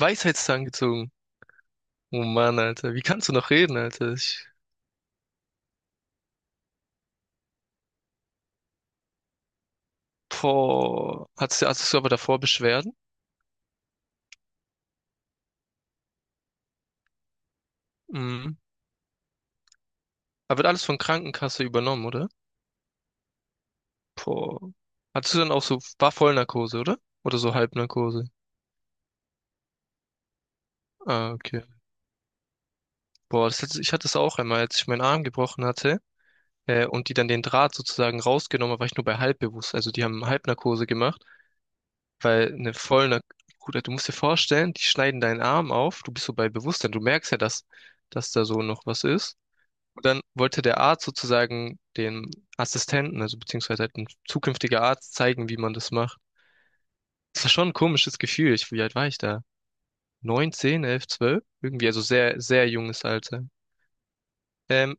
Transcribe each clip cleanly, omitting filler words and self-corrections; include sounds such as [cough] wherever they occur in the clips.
Weisheitszahn gezogen. Oh Mann, Alter. Wie kannst du noch reden, Alter? Ich, boah. Hattest du aber davor Beschwerden? Mhm. Aber wird alles von Krankenkasse übernommen, oder? Boah. Hattest du dann auch so, war Vollnarkose, oder? Oder so Halbnarkose? Ah, okay. Boah, ich hatte es auch einmal, als ich meinen Arm gebrochen hatte, und die dann den Draht sozusagen rausgenommen haben, war ich nur bei halbbewusst. Also die haben Halbnarkose gemacht, weil eine Vollnarkose, Bruder, du musst dir vorstellen, die schneiden deinen Arm auf, du bist so bei Bewusstsein, du merkst ja, dass da so noch was ist. Und dann wollte der Arzt sozusagen dem Assistenten, also beziehungsweise halt ein zukünftiger Arzt, zeigen, wie man das macht. Das war schon ein komisches Gefühl. Ich, wie alt war ich da? 9, 10, 11, 12. Irgendwie, also sehr, sehr junges Alter. Ähm,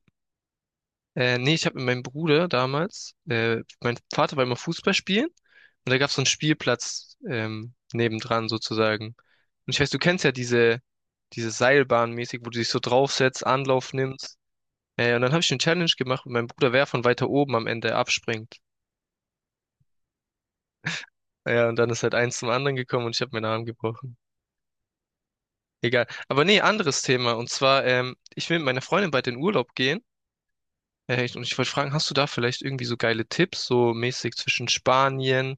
Nee, ich habe mit meinem Bruder damals, mein Vater war immer Fußball spielen und da gab es so einen Spielplatz, nebendran sozusagen. Und ich weiß, du kennst ja diese Seilbahn mäßig, wo du dich so draufsetzt, Anlauf nimmst. Und dann habe ich eine Challenge gemacht mit meinem Bruder, wer von weiter oben am Ende abspringt. Ja, und dann ist halt eins zum anderen gekommen und ich habe meinen Arm gebrochen. Egal. Aber nee, anderes Thema. Und zwar, ich will mit meiner Freundin bald in Urlaub gehen. Und ich wollte fragen, hast du da vielleicht irgendwie so geile Tipps, so mäßig zwischen Spanien,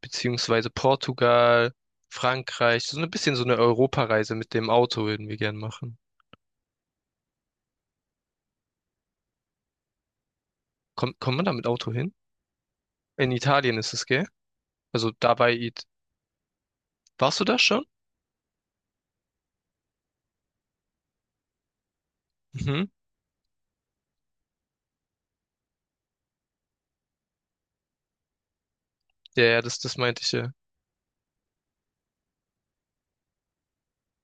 beziehungsweise Portugal, Frankreich? So ein bisschen so eine Europareise mit dem Auto würden wir gern machen. Kommt man da mit Auto hin? In Italien ist es, gell? Also dabei, It warst du da schon? Mhm. Ja, ja, das meinte ich ja.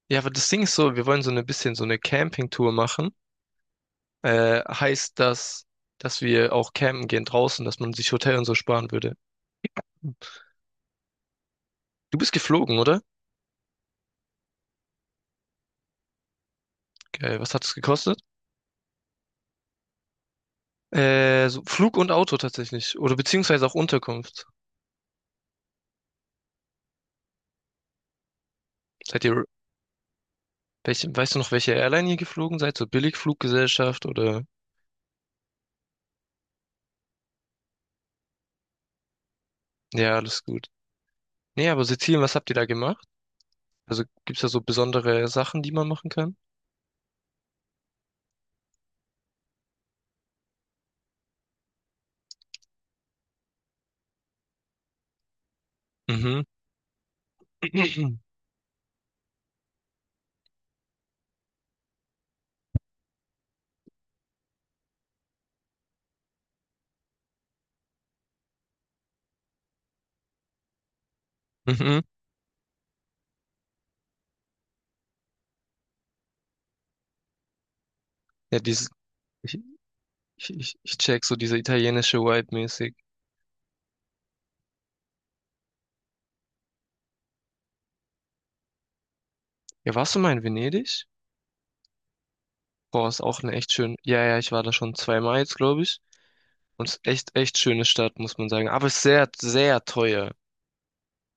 Ja, aber das Ding ist so, wir wollen so ein bisschen so eine Campingtour machen. Heißt das, dass wir auch campen gehen draußen, dass man sich Hotel und so sparen würde. Du bist geflogen, oder? Geil, was hat es gekostet? So Flug und Auto tatsächlich. Oder beziehungsweise auch Unterkunft. Seid ihr, Welche, weißt du noch, welche Airline ihr geflogen seid? So Billigfluggesellschaft oder? Ja, alles gut. Nee, aber Sizilien, was habt ihr da gemacht? Also gibt's da so besondere Sachen, die man machen kann? Mhm. [clears throat] Mhm. Ja, dieses, ich, ich check so diese italienische Vibe mäßig. Ja, warst du mal in Venedig? Boah, ist auch eine echt schön. Ja, ja, ich war da schon zweimal jetzt, glaube ich. Und es ist echt, echt schöne Stadt, muss man sagen. Aber es ist sehr, sehr teuer.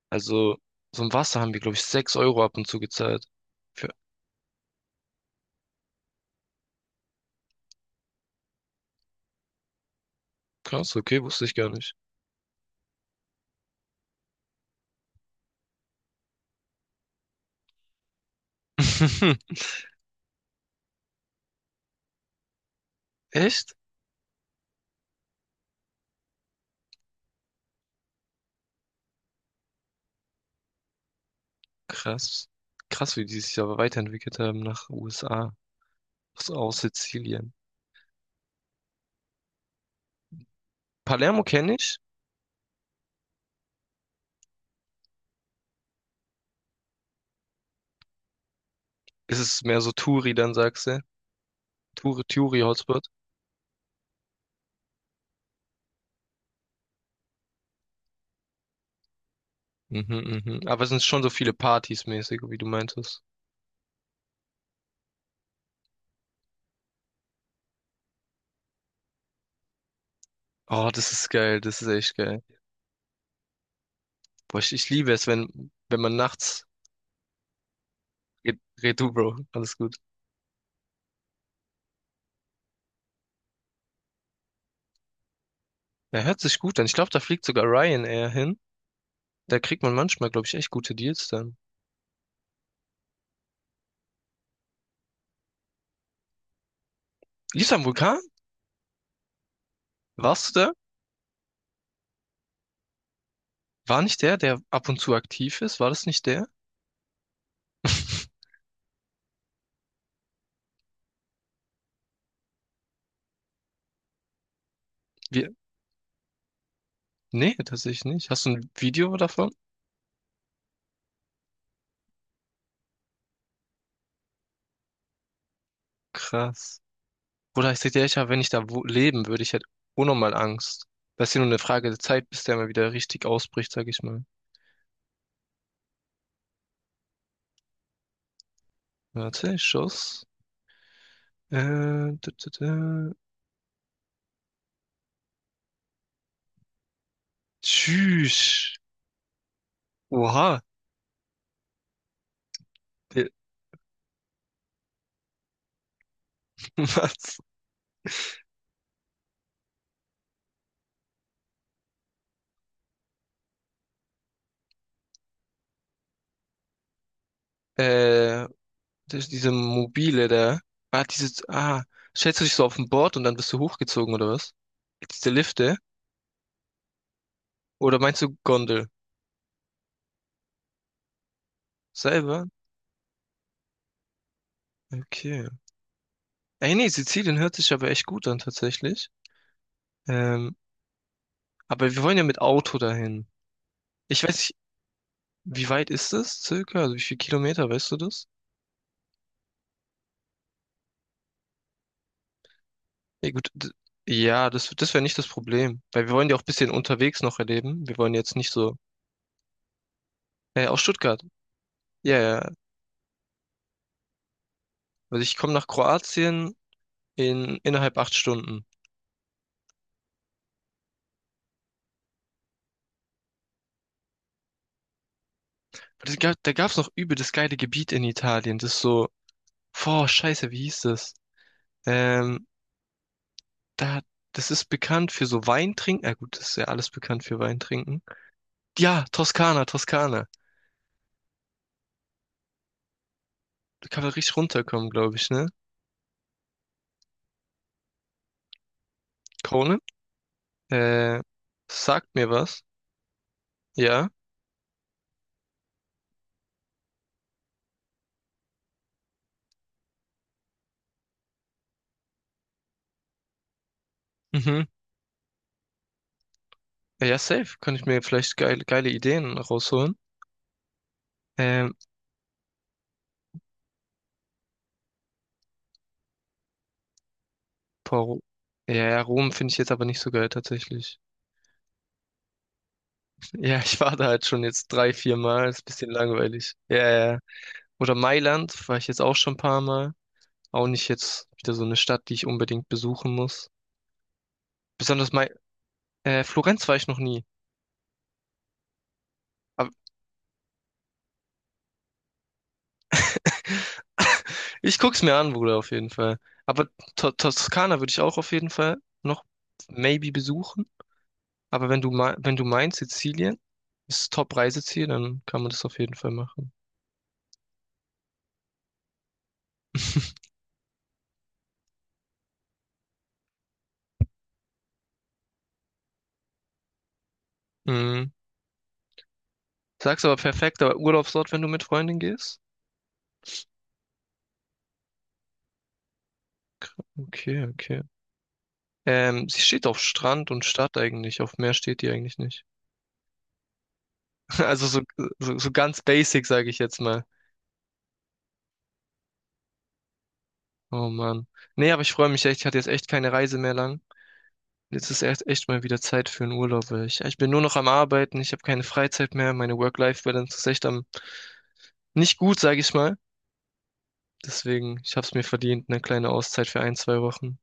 Also, so ein Wasser haben wir, glaube ich, 6 Euro ab und zu gezahlt. Für, Krass, okay, wusste ich gar nicht. [laughs] Echt? Krass. Krass, wie die sich aber weiterentwickelt haben nach USA, aus Sizilien. Palermo kenne ich. Ist es mehr so Touri, dann sagst du? Touri, Touri-Hotspot. Mhm, mhm. Aber es sind schon so viele Partys mäßig, wie du meintest. Oh, das ist geil, das ist echt geil. Boah, ich liebe es, wenn man nachts. Red du, Bro. Alles gut. Ja, hört sich gut an. Ich glaube, da fliegt sogar Ryanair hin. Da kriegt man manchmal, glaube ich, echt gute Deals dann. Lief am Vulkan? Warst du da? War nicht der, der ab und zu aktiv ist? War das nicht der? [laughs] Wir, Nee, tatsächlich nicht. Hast du ein Video davon? Krass. Bruder, ich sag dir, ich hab, wenn ich da wo leben würde, ich hätte unnormal Angst. Das ist ja nur eine Frage der Zeit, bis der mal wieder richtig ausbricht, sag ich mal. Warte, Schuss. Äh, da, da. Tschüss. Oha, der, [laughs] was? Äh, diese mobile, der. Ah, diese, ah, Stellst du dich so auf ein Board und dann bist du hochgezogen oder was? Diese Lifte? Oder meinst du Gondel? Selber? Okay. Ey, nee, Sizilien hört sich aber echt gut an, tatsächlich. Ähm, aber wir wollen ja mit Auto dahin. Ich weiß nicht, wie weit ist das circa? Also wie viel Kilometer, weißt du das? Ja, gut. Ja, das wäre nicht das Problem. Weil wir wollen ja auch ein bisschen unterwegs noch erleben. Wir wollen jetzt nicht so. Aus Stuttgart. Ja, ja, also ich komme nach Kroatien in innerhalb 8 Stunden. Da gab's noch übel das geile Gebiet in Italien. Das ist so, boah, scheiße, wie hieß das? Ähm, da, Das ist bekannt für so Weintrinken. Ja gut, das ist ja alles bekannt für Weintrinken. Ja, Toskana. Da kann man richtig runterkommen, glaube ich, ne? Krone? Äh, Sagt mir was. Ja. Mhm. Ja, safe. Kann ich mir vielleicht geile, geile Ideen rausholen. Ähm, boah, Ro- ja, ja, Rom finde ich jetzt aber nicht so geil tatsächlich. Ja, ich war da halt schon jetzt drei, vier Mal. Ist ein bisschen langweilig. Ja, ja. ja. Oder Mailand war ich jetzt auch schon ein paar Mal. Auch nicht jetzt wieder so eine Stadt, die ich unbedingt besuchen muss. Besonders Mai Florenz war ich noch nie. Aber [laughs] ich guck's mir an, Bruder, auf jeden Fall. Aber Toskana würde ich auch auf jeden Fall noch maybe besuchen. Aber wenn du meinst, Sizilien ist Top-Reiseziel, dann kann man das auf jeden Fall machen. [laughs] Mhm. Sagst aber perfekt, aber Urlaubsort, wenn du mit Freundin gehst? Okay, okay. Sie steht auf Strand und Stadt eigentlich. Auf Meer steht die eigentlich nicht. [laughs] Also so, so ganz basic, sage ich jetzt mal. Oh Mann. Nee, aber ich freue mich echt. Ich hatte jetzt echt keine Reise mehr lang. Jetzt ist echt, echt mal wieder Zeit für einen Urlaub. Weil ich bin nur noch am Arbeiten. Ich habe keine Freizeit mehr. Meine Work-Life-Balance ist echt am nicht gut, sage ich mal. Deswegen, ich habe es mir verdient, eine kleine Auszeit für ein, zwei Wochen.